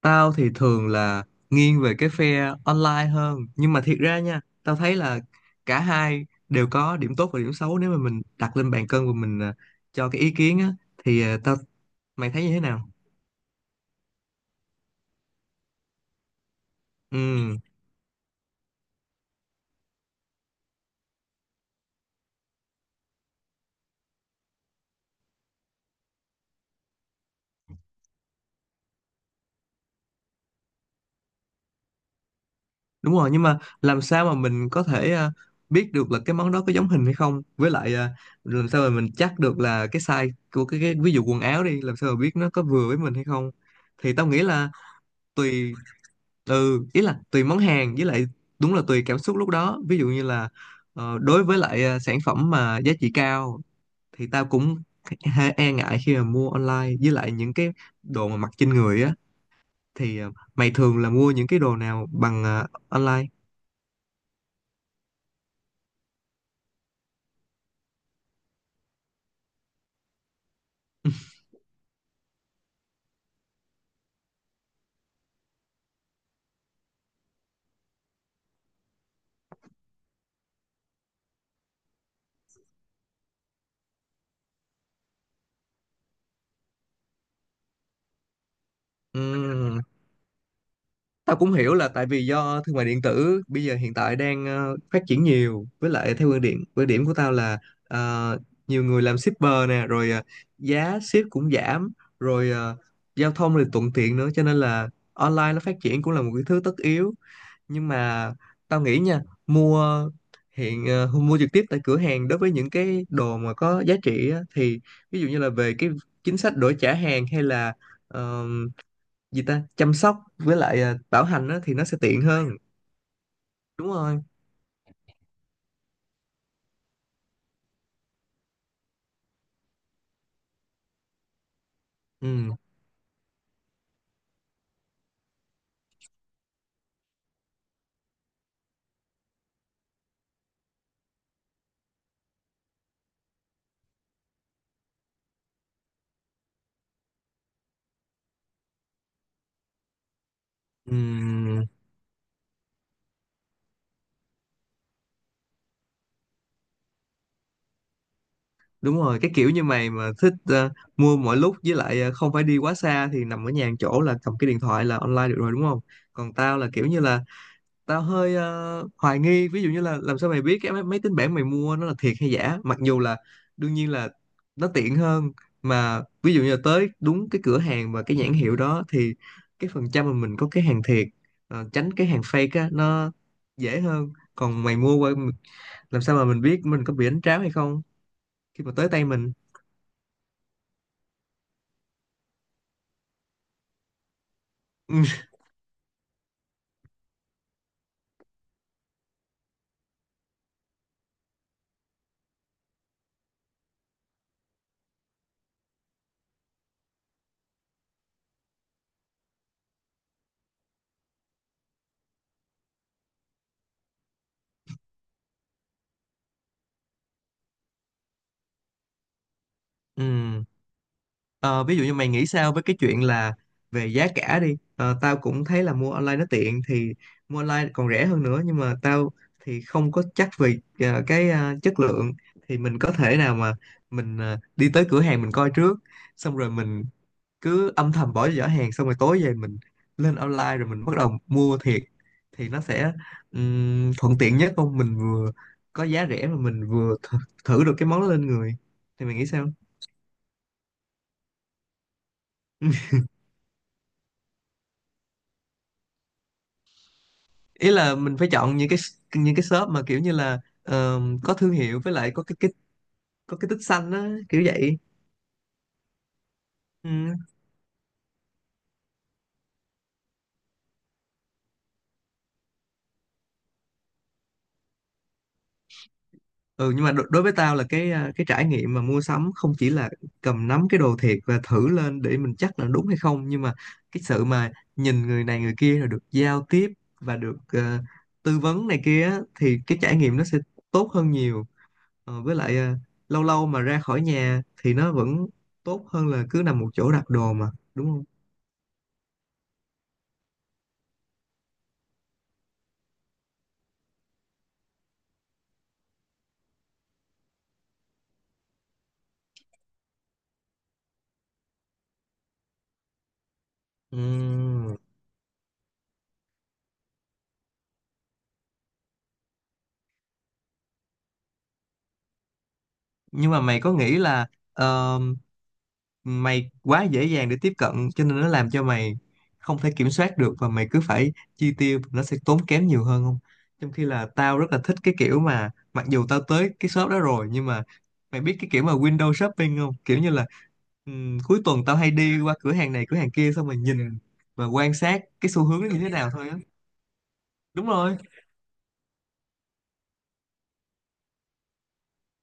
Tao thì thường là nghiêng về cái phe online hơn. Nhưng mà thiệt ra nha, tao thấy là cả hai đều có điểm tốt và điểm xấu. Nếu mà mình đặt lên bàn cân và mình cho cái ý kiến á thì tao, mày thấy như thế nào? Ừ, đúng rồi, nhưng mà làm sao mà mình có thể biết được là cái món đó có giống hình hay không? Với lại làm sao mà mình chắc được là cái size của cái ví dụ quần áo đi, làm sao mà biết nó có vừa với mình hay không thì tao nghĩ là tùy. Ừ, ý là tùy món hàng, với lại đúng là tùy cảm xúc lúc đó. Ví dụ như là đối với lại sản phẩm mà giá trị cao thì tao cũng hơi e ngại khi mà mua online, với lại những cái đồ mà mặc trên người á thì mày thường là mua những cái đồ nào bằng online? Ừ, tao cũng hiểu là tại vì do thương mại điện tử bây giờ hiện tại đang phát triển nhiều. Với lại theo quan điểm của tao là ờ, nhiều người làm shipper nè, rồi giá ship cũng giảm, rồi giao thông thì thuận tiện nữa, cho nên là online nó phát triển cũng là một cái thứ tất yếu. Nhưng mà tao nghĩ nha, mua mua trực tiếp tại cửa hàng đối với những cái đồ mà có giá trị á, thì ví dụ như là về cái chính sách đổi trả hàng, hay là gì ta, chăm sóc với lại bảo hành á, thì nó sẽ tiện hơn. Đúng rồi. Ừ. Ừ. Đúng rồi, cái kiểu như mày mà thích mua mọi lúc, với lại không phải đi quá xa, thì nằm ở nhà một chỗ là cầm cái điện thoại là online được rồi đúng không? Còn tao là kiểu như là tao hơi hoài nghi, ví dụ như là làm sao mày biết cái máy tính bảng mày mua nó là thiệt hay giả? Mặc dù là đương nhiên là nó tiện hơn, mà ví dụ như là tới đúng cái cửa hàng và cái nhãn hiệu đó thì cái phần trăm mà mình có cái hàng thiệt, tránh cái hàng fake á, nó dễ hơn. Còn mày mua qua, làm sao mà mình biết mình có bị đánh tráo hay không khi mà tới tay mình? Ừ. Ờ, ví dụ như mày nghĩ sao với cái chuyện là về giá cả đi. Ờ, tao cũng thấy là mua online nó tiện, thì mua online còn rẻ hơn nữa, nhưng mà tao thì không có chắc về chất lượng. Thì mình có thể nào mà mình đi tới cửa hàng mình coi trước, xong rồi mình cứ âm thầm bỏ giỏ hàng, xong rồi tối về mình lên online rồi mình bắt đầu mua thiệt, thì nó sẽ, thuận tiện nhất không? Mình vừa có giá rẻ mà mình vừa th, thử được cái món đó lên người. Thì mày nghĩ sao? Ý là mình phải chọn những cái, những cái shop mà kiểu như là có thương hiệu, với lại có cái có cái tích xanh á, kiểu vậy. Ừ. Ừ, nhưng mà đối với tao là cái trải nghiệm mà mua sắm không chỉ là cầm nắm cái đồ thiệt và thử lên để mình chắc là đúng hay không, nhưng mà cái sự mà nhìn người này người kia rồi được giao tiếp và được tư vấn này kia á, thì cái trải nghiệm nó sẽ tốt hơn nhiều. Ờ, với lại lâu lâu mà ra khỏi nhà thì nó vẫn tốt hơn là cứ nằm một chỗ đặt đồ mà, đúng không? Ừ. Nhưng mà mày có nghĩ là ờ, mày quá dễ dàng để tiếp cận, cho nên nó làm cho mày không thể kiểm soát được và mày cứ phải chi tiêu, nó sẽ tốn kém nhiều hơn không? Trong khi là tao rất là thích cái kiểu mà mặc dù tao tới cái shop đó rồi nhưng mà mày biết cái kiểu mà window shopping không, kiểu như là cuối tuần tao hay đi qua cửa hàng này cửa hàng kia xong rồi nhìn và quan sát cái xu hướng nó như thế nào thôi á. Đúng rồi,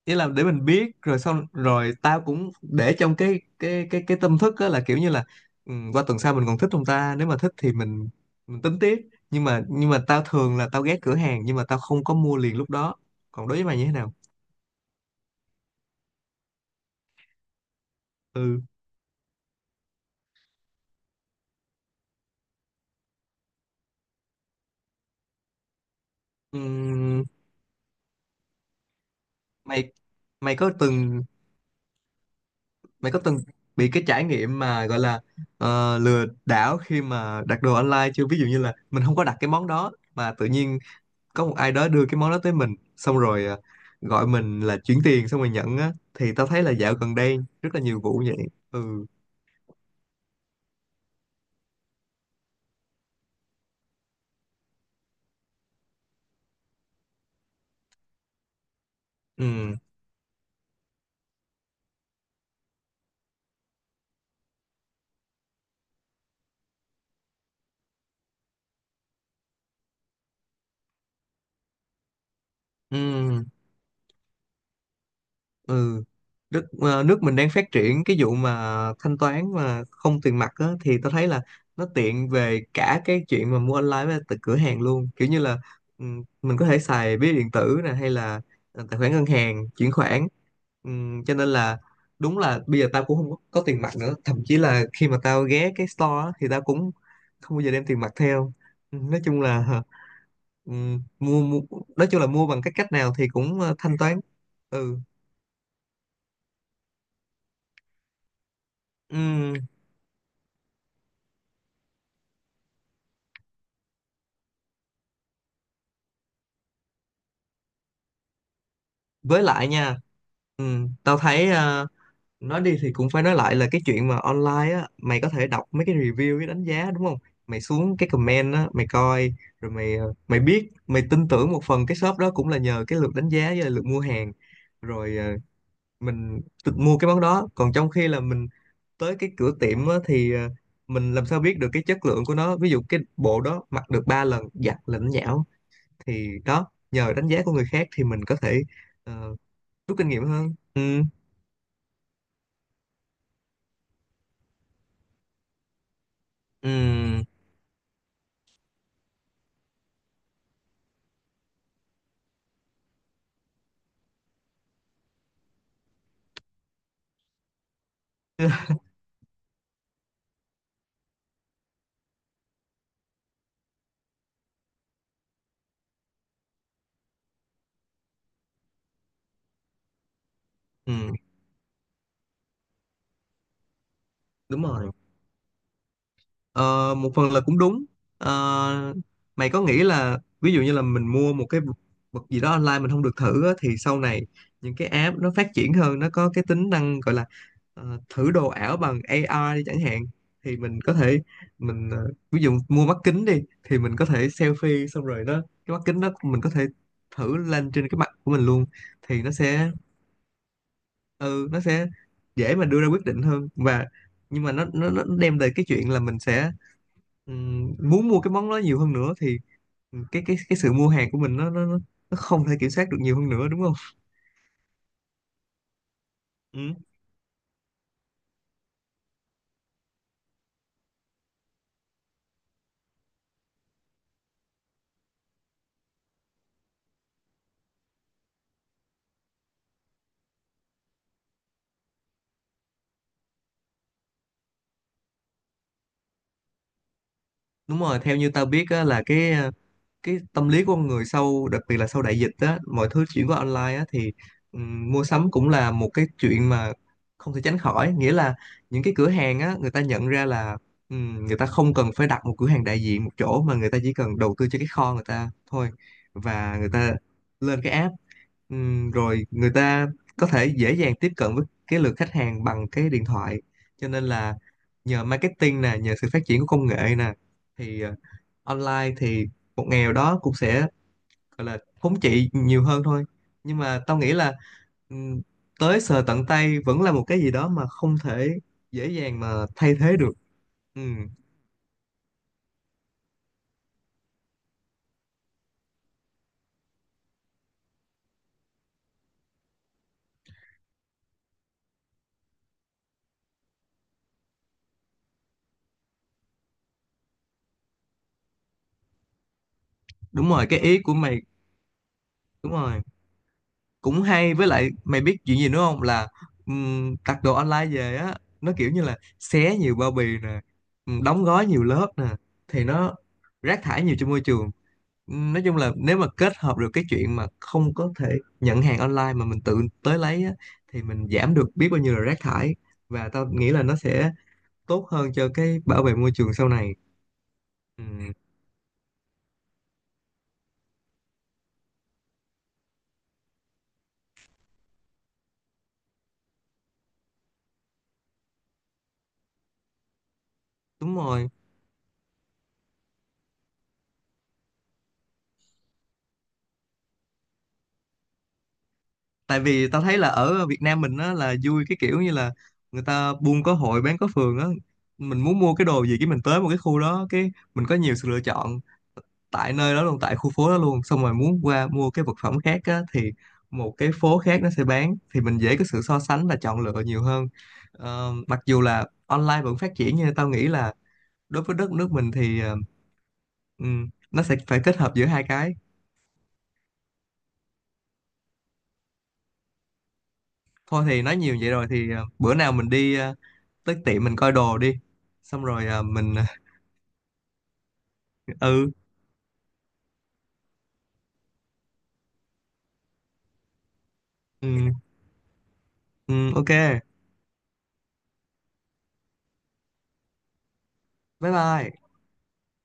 ý là để mình biết, rồi xong rồi tao cũng để trong cái tâm thức á, là kiểu như là ừ, qua tuần sau mình còn thích không ta, nếu mà thích thì mình tính tiếp. Nhưng mà tao thường là tao ghé cửa hàng nhưng mà tao không có mua liền lúc đó. Còn đối với mày như thế nào? Ừ. Ừm, mày mày có từng, mày có từng bị cái trải nghiệm mà gọi là lừa đảo khi mà đặt đồ online chưa? Ví dụ như là mình không có đặt cái món đó mà tự nhiên có một ai đó đưa cái món đó tới mình xong rồi gọi mình là chuyển tiền xong rồi nhận á, thì tao thấy là dạo gần đây rất là nhiều vụ vậy. Ừ. Ừ. Ừ. Ừ, nước nước mình đang phát triển cái vụ mà thanh toán mà không tiền mặt á, thì tao thấy là nó tiện về cả cái chuyện mà mua online với từ cửa hàng luôn, kiểu như là mình có thể xài ví điện tử nè, hay là tài khoản ngân hàng chuyển khoản. Cho nên là đúng là bây giờ tao cũng không có, có tiền mặt nữa. Thậm chí là khi mà tao ghé cái store á, thì tao cũng không bao giờ đem tiền mặt theo. Nói chung là mua nói chung là mua bằng cái cách nào thì cũng thanh toán. Ừ. Ừ, với lại nha, ừ, tao thấy nói đi thì cũng phải nói lại là cái chuyện mà online á, mày có thể đọc mấy cái review với đánh giá đúng không? Mày xuống cái comment á mày coi, rồi mày mày biết, mày tin tưởng một phần cái shop đó cũng là nhờ cái lượt đánh giá với lại lượt mua hàng, rồi mình tự mua cái món đó. Còn trong khi là mình tới cái cửa tiệm á, thì mình làm sao biết được cái chất lượng của nó? Ví dụ cái bộ đó mặc được 3 lần giặt là nó nhão, thì đó, nhờ đánh giá của người khác thì mình có thể ờ, rút kinh nghiệm hơn. Ừ. Ừ. Ừ. Ừ, đúng rồi. Ờ, một phần là cũng đúng. Ờ, mày có nghĩ là ví dụ như là mình mua một cái vật gì đó online mình không được thử á, thì sau này những cái app nó phát triển hơn, nó có cái tính năng gọi là thử đồ ảo bằng AR đi chẳng hạn, thì mình có thể ví dụ mua mắt kính đi, thì mình có thể selfie xong rồi nó, cái mắt kính đó mình có thể thử lên trên cái mặt của mình luôn. Thì nó sẽ, ừ, nó sẽ dễ mà đưa ra quyết định hơn. Và nhưng mà nó đem về cái chuyện là mình sẽ, muốn mua cái món đó nhiều hơn nữa, thì cái sự mua hàng của mình nó không thể kiểm soát được nhiều hơn nữa, đúng không? Ừ, đúng rồi, theo như tao biết á, là cái tâm lý của con người sau, đặc biệt là sau đại dịch á, mọi thứ chuyển qua online á, thì mua sắm cũng là một cái chuyện mà không thể tránh khỏi. Nghĩa là những cái cửa hàng á, người ta nhận ra là người ta không cần phải đặt một cửa hàng đại diện một chỗ, mà người ta chỉ cần đầu tư cho cái kho người ta thôi, và người ta lên cái app. Rồi người ta có thể dễ dàng tiếp cận với cái lượt khách hàng bằng cái điện thoại. Cho nên là nhờ marketing nè, nhờ sự phát triển của công nghệ nè, thì online thì một nghèo đó cũng sẽ, gọi là, thống trị nhiều hơn thôi. Nhưng mà tao nghĩ là ừm, tới sờ tận tay vẫn là một cái gì đó mà không thể dễ dàng mà thay thế được. Ừ, đúng rồi, cái ý của mày đúng rồi, cũng hay. Với lại mày biết chuyện gì nữa không, là đặt đồ online về á, nó kiểu như là xé nhiều bao bì nè, đóng gói nhiều lớp nè, thì nó rác thải nhiều cho môi trường. Nói chung là nếu mà kết hợp được cái chuyện mà không có, thể nhận hàng online mà mình tự tới lấy á, thì mình giảm được biết bao nhiêu là rác thải, và tao nghĩ là nó sẽ tốt hơn cho cái bảo vệ môi trường sau này. Ừm, đúng rồi, tại vì tao thấy là ở Việt Nam mình á là vui, cái kiểu như là người ta buôn có hội bán có phường á, mình muốn mua cái đồ gì, cái mình tới một cái khu đó, cái mình có nhiều sự lựa chọn tại nơi đó luôn, tại khu phố đó luôn. Xong rồi muốn qua mua cái vật phẩm khác á, thì một cái phố khác nó sẽ bán, thì mình dễ có sự so sánh và chọn lựa nhiều hơn. Ờ, mặc dù là online vẫn phát triển, nhưng tao nghĩ là đối với đất nước mình thì nó sẽ phải kết hợp giữa hai cái. Thôi thì nói nhiều vậy rồi, thì bữa nào mình đi tới tiệm mình coi đồ đi, xong rồi à, mình ừ, ừ. Ừ, ok. Bye bye.